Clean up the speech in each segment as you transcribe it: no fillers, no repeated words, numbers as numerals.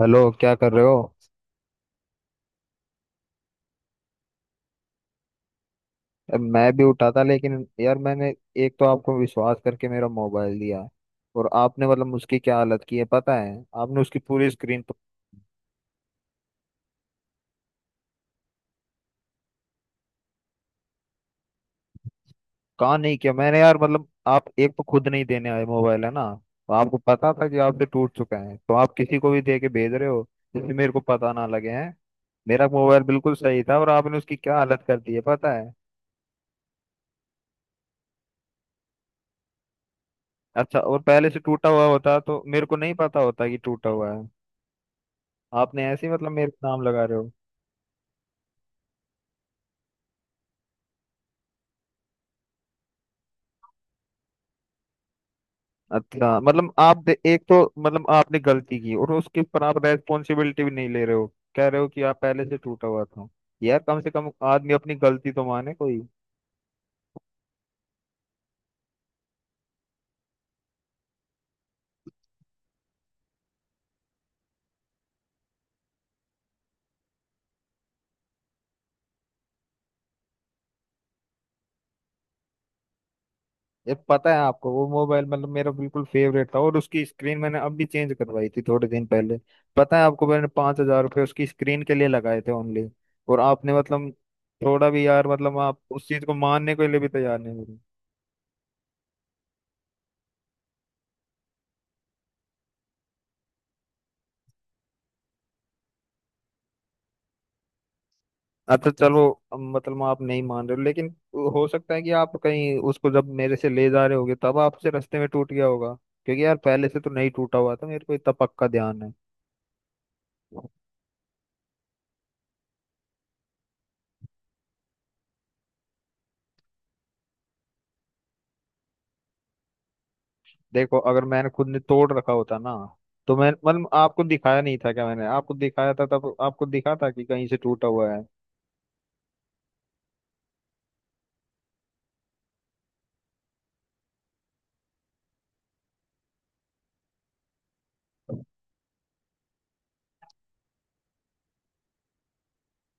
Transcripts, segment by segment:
Hello, क्या कर रहे हो। अब मैं भी उठा था लेकिन यार मैंने एक तो आपको विश्वास करके मेरा मोबाइल दिया और आपने मतलब उसकी क्या हालत की है पता है। आपने उसकी पूरी स्क्रीन तो कहा नहीं किया मैंने यार। मतलब आप एक तो खुद नहीं देने आए मोबाइल है ना, तो आपको पता था कि आपसे टूट चुका है तो आप किसी को भी दे के भेज रहे हो जिससे मेरे को पता ना लगे हैं। मेरा मोबाइल बिल्कुल सही था और आपने उसकी क्या हालत कर दी है पता है। अच्छा, और पहले से टूटा हुआ होता तो मेरे को नहीं पता होता कि टूटा हुआ है। आपने ऐसे ही मतलब मेरे पे नाम लगा रहे हो। अच्छा मतलब एक तो मतलब आपने गलती की और उसके ऊपर आप रेस्पॉन्सिबिलिटी भी नहीं ले रहे हो। कह रहे हो कि आप पहले से टूटा हुआ था। यार कम से कम आदमी अपनी गलती तो माने कोई। ये पता है आपको वो मोबाइल मतलब मेरा बिल्कुल फेवरेट था और उसकी स्क्रीन मैंने अब भी चेंज करवाई थी थोड़े दिन पहले। पता है आपको मैंने 5,000 रुपये उसकी स्क्रीन के लिए लगाए थे ओनली। और आपने मतलब थोड़ा भी यार मतलब आप उस चीज को मानने के लिए भी तैयार नहीं हुए। अच्छा चलो, अब मतलब आप नहीं मान रहे हो, लेकिन हो सकता है कि आप कहीं उसको जब मेरे से ले जा रहे होगे तब आपसे रास्ते में टूट गया होगा। क्योंकि यार पहले से तो नहीं टूटा हुआ था, मेरे को इतना पक्का ध्यान है। देखो अगर मैंने खुद ने तोड़ रखा होता ना तो मैं मतलब आपको दिखाया नहीं था क्या। मैंने आपको दिखाया था तब आपको दिखा था कि कहीं से टूटा हुआ है।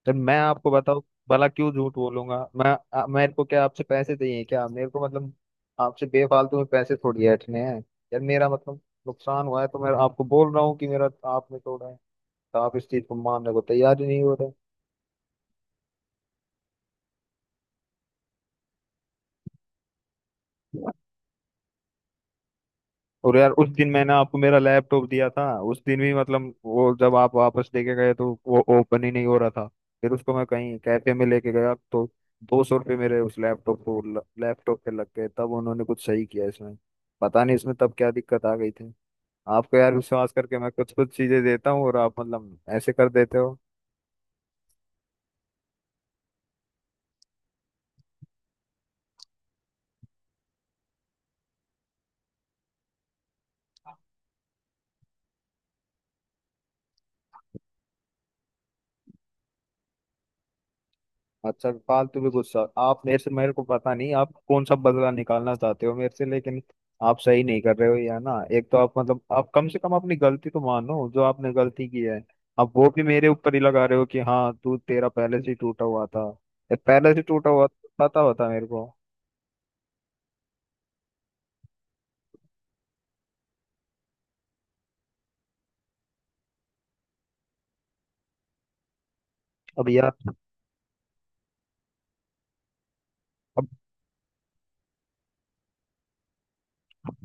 तो मैं आपको बताऊं भला क्यों झूठ बोलूंगा मैं। मेरे को क्या आपसे पैसे चाहिए क्या मेरे को मतलब आपसे बेफालतू में पैसे थोड़ी ऐंठने हैं। यार मेरा मतलब नुकसान हुआ है तो मैं आपको बोल रहा हूँ कि मेरा आपने तोड़ा है। तो आप इस चीज को मानने को तैयार ही नहीं हो रहे। और यार उस दिन मैंने आपको मेरा लैपटॉप दिया था। उस दिन भी मतलब वो जब आप वापस लेके गए तो वो ओपन ही नहीं हो रहा था। फिर उसको मैं कहीं कैफे में लेके गया तो 200 रुपये मेरे उस लैपटॉप को लैपटॉप पे लग गए तब उन्होंने कुछ सही किया इसमें। पता नहीं इसमें तब क्या दिक्कत आ गई थी। आपको यार विश्वास करके मैं कुछ कुछ चीजें देता हूँ और आप मतलब ऐसे कर देते हो। अच्छा फालतू भी गुस्सा आप मेरे से, मेरे को पता नहीं आप कौन सा बदला निकालना चाहते हो मेरे से, लेकिन आप सही नहीं कर रहे हो या ना। एक तो आप मतलब आप कम से कम अपनी गलती तो मानो जो आपने गलती की है। आप वो भी मेरे ऊपर ही लगा रहे हो कि हाँ तू तेरा पहले से ही टूटा हुआ था। ये पहले से टूटा हुआ था, पता होता मेरे को। अब यार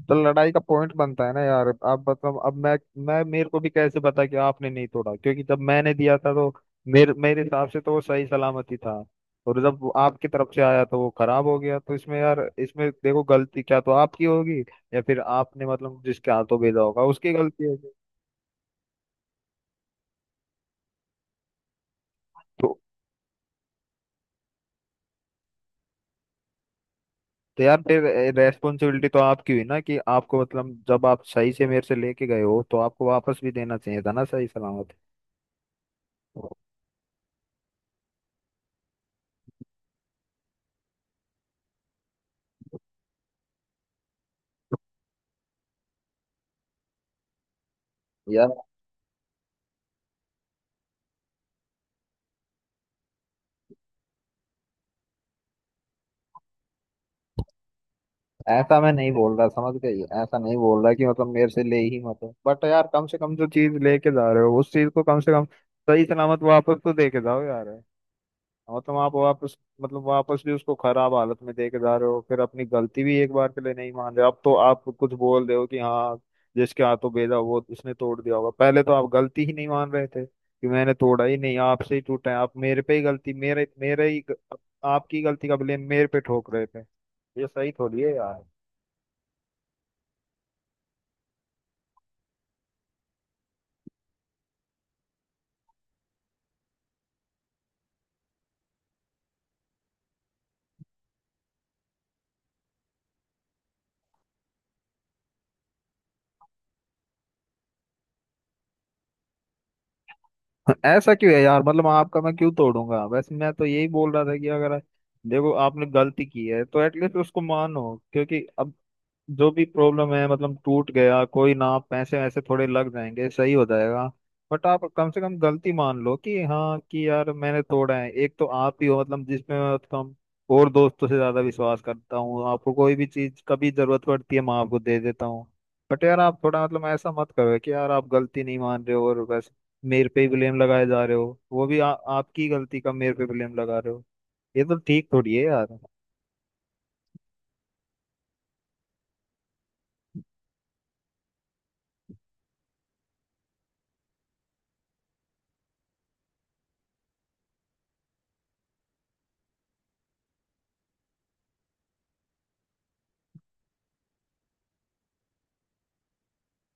तो लड़ाई का पॉइंट बनता है ना यार। अब मतलब अब मैं मेरे को भी कैसे पता कि आपने नहीं तोड़ा, क्योंकि जब मैंने दिया था तो मेरे मेरे हिसाब से तो वो सही सलामत ही था। और जब वो आपकी तरफ से आया तो वो खराब हो गया तो इसमें यार इसमें देखो गलती क्या तो आपकी होगी या फिर आपने मतलब जिसके हाथों भेजा होगा उसकी गलती होगी। तो तो यार फिर रेस्पॉन्सिबिलिटी तो आपकी हुई ना कि आपको मतलब जब आप सही से मेरे से लेके गए हो तो आपको वापस भी देना चाहिए था ना सही सलामत। यार ऐसा मैं नहीं बोल रहा, समझ गई, ऐसा नहीं बोल रहा कि मतलब मेरे से ले ही मत। बट यार कम से कम जो चीज लेके जा रहे हो उस चीज को कम से कम सही सलामत वापस तो दे के जाओ यार। मतलब आप वापस मतलब वापस भी उसको खराब हालत में दे के जा रहे हो फिर अपनी गलती भी एक बार के लिए नहीं मान रहे। अब तो आप कुछ बोल रहे हो कि हाँ जिसके हाथों भेजा वो उसने तोड़ दिया होगा, पहले तो आप गलती ही नहीं मान रहे थे कि मैंने तोड़ा ही नहीं आपसे ही टूटा है। आप मेरे पे ही गलती मेरे मेरे ही आपकी गलती का ब्लेम मेरे पे ठोक रहे थे। ये सही थोड़ी है यार। ऐसा क्यों है यार मतलब आपका मैं क्यों तोड़ूंगा, वैसे मैं तो यही बोल रहा था कि अगर देखो आपने गलती की है तो एटलीस्ट उसको मानो क्योंकि अब जो भी प्रॉब्लम है मतलब टूट गया कोई ना, आप पैसे वैसे थोड़े लग जाएंगे, सही हो जाएगा। बट आप कम से कम गलती मान लो कि हाँ कि यार मैंने तोड़ा है। एक तो आप ही हो मतलब जिसमें मैं कम और दोस्तों से ज्यादा विश्वास करता हूँ, आपको कोई भी चीज कभी जरूरत पड़ती है मैं आपको दे देता हूँ। बट यार आप थोड़ा मतलब ऐसा मत करो कि यार आप गलती नहीं मान रहे हो और बस मेरे पे ही ब्लेम लगाए जा रहे हो, वो भी आपकी गलती का मेरे पे ब्लेम लगा रहे हो। ये तो ठीक थोड़ी है यार।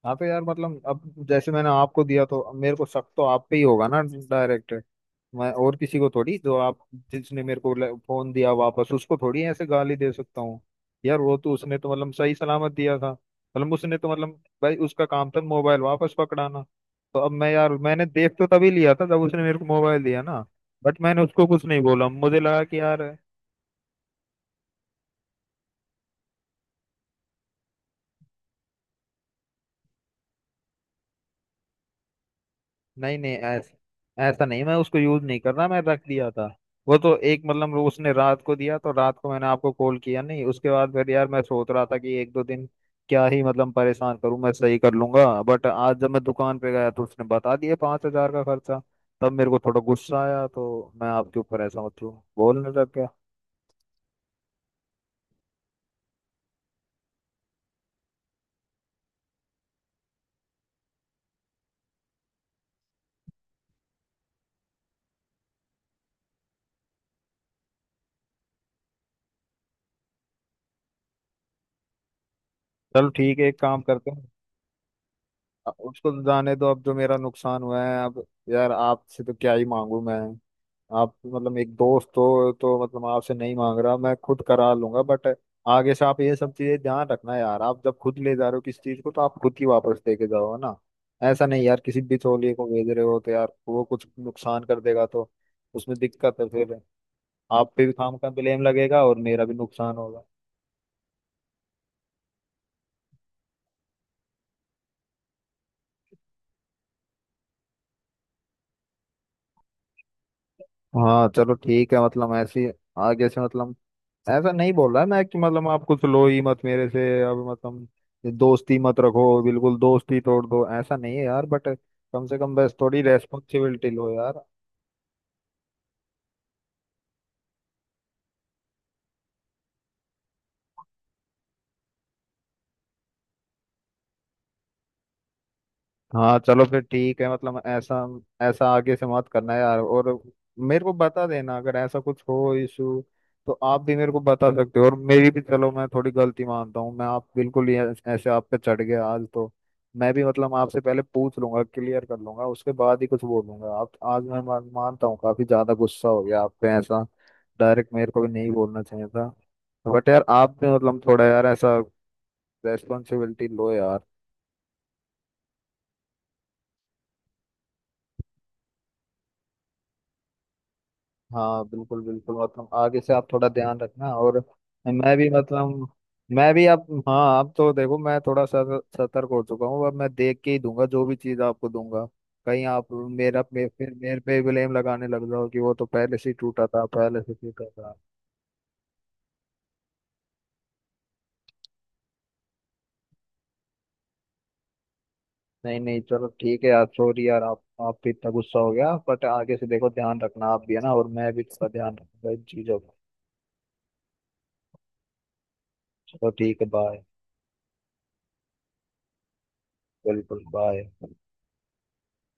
हाँ तो यार मतलब अब जैसे मैंने आपको दिया तो अब मेरे को शक तो आप पे ही होगा ना डायरेक्ट। मैं और किसी को थोड़ी जो आप जिसने मेरे को ले- फोन दिया वापस उसको थोड़ी ऐसे गाली दे सकता हूँ। यार वो तो उसने तो मतलब सही सलामत दिया था, मतलब उसने तो मतलब भाई उसका काम था मोबाइल वापस पकड़ाना। तो अब मैं यार मैंने देख तो तभी लिया था जब उसने मेरे को मोबाइल दिया ना, बट मैंने उसको कुछ नहीं बोला, मुझे लगा कि यार नहीं नहीं, ऐसा ऐसा नहीं, मैं उसको यूज नहीं कर रहा, मैं रख दिया था। वो तो एक मतलब उसने रात को दिया तो रात को मैंने आपको कॉल किया नहीं, उसके बाद फिर यार मैं सोच रहा था कि एक दो दिन क्या ही मतलब परेशान करूं, मैं सही कर लूंगा, बट आज जब मैं दुकान पे गया तो उसने बता दिया 5,000 का खर्चा। तब मेरे को थोड़ा गुस्सा आया तो मैं आपके ऊपर ऐसा मतलब बोलने लग गया। चलो ठीक है, एक काम करते हैं। उसको जाने दो, अब जो मेरा नुकसान हुआ है अब यार आपसे तो क्या ही मांगू मैं। आप मतलब एक दोस्त हो तो मतलब आपसे नहीं मांग रहा, मैं खुद करा लूंगा। बट आगे से आप ये सब चीजें ध्यान रखना यार, आप जब खुद ले जा रहे हो किसी चीज को तो आप खुद ही वापस लेके जाओ है ना। ऐसा नहीं यार किसी बिचौलिए को भेज रहे हो तो यार वो कुछ नुकसान कर देगा तो उसमें दिक्कत है फिर। आप पे भी काम का ब्लेम लगेगा और मेरा भी नुकसान होगा। हाँ चलो ठीक है, मतलब ऐसे ही आगे से मतलब ऐसा नहीं बोल रहा मैं कि मतलब आप कुछ लो ही मत मेरे से। अब मतलब ये दोस्ती मत रखो, बिल्कुल दोस्ती तोड़ दो, ऐसा नहीं है यार, बट कम से कम बस थोड़ी रेस्पॉन्सिबिलिटी लो यार। हाँ चलो फिर ठीक है, मतलब ऐसा ऐसा आगे से मत करना यार। और मेरे को बता देना अगर ऐसा कुछ हो इशू तो आप भी मेरे को बता सकते हो। और मेरी भी चलो मैं थोड़ी गलती मानता हूँ, मैं आप बिल्कुल ही ऐस- ऐसे आप पे चढ़ गया आज तो। मैं भी मतलब आपसे पहले पूछ लूंगा, क्लियर कर लूंगा, उसके बाद ही कुछ बोलूंगा आप। आज मैं मानता हूँ काफी ज्यादा गुस्सा हो गया आप पे, ऐसा डायरेक्ट मेरे को भी नहीं बोलना चाहिए था। बट यार आप भी मतलब थोड़ा यार ऐसा रेस्पॉन्सिबिलिटी लो यार। हाँ बिल्कुल बिल्कुल मतलब आगे से आप थोड़ा ध्यान रखना। और मैं भी मतलब मैं भी अब हाँ अब तो देखो मैं थोड़ा सतर्क हो चुका हूँ, अब मैं देख के ही दूंगा जो भी चीज़ आपको दूंगा। कहीं फिर मेरे पे ब्लेम लगाने लग जाओ कि वो तो पहले से ही टूटा था, पहले से टूटा था। नहीं नहीं चलो ठीक है यार, सॉरी यार आप पे इतना गुस्सा हो गया, बट आगे से देखो ध्यान रखना आप भी है ना, और मैं भी थोड़ा ध्यान रखूंगा इन चीज़ों का। चलो ठीक है बाय। बिल्कुल बाय।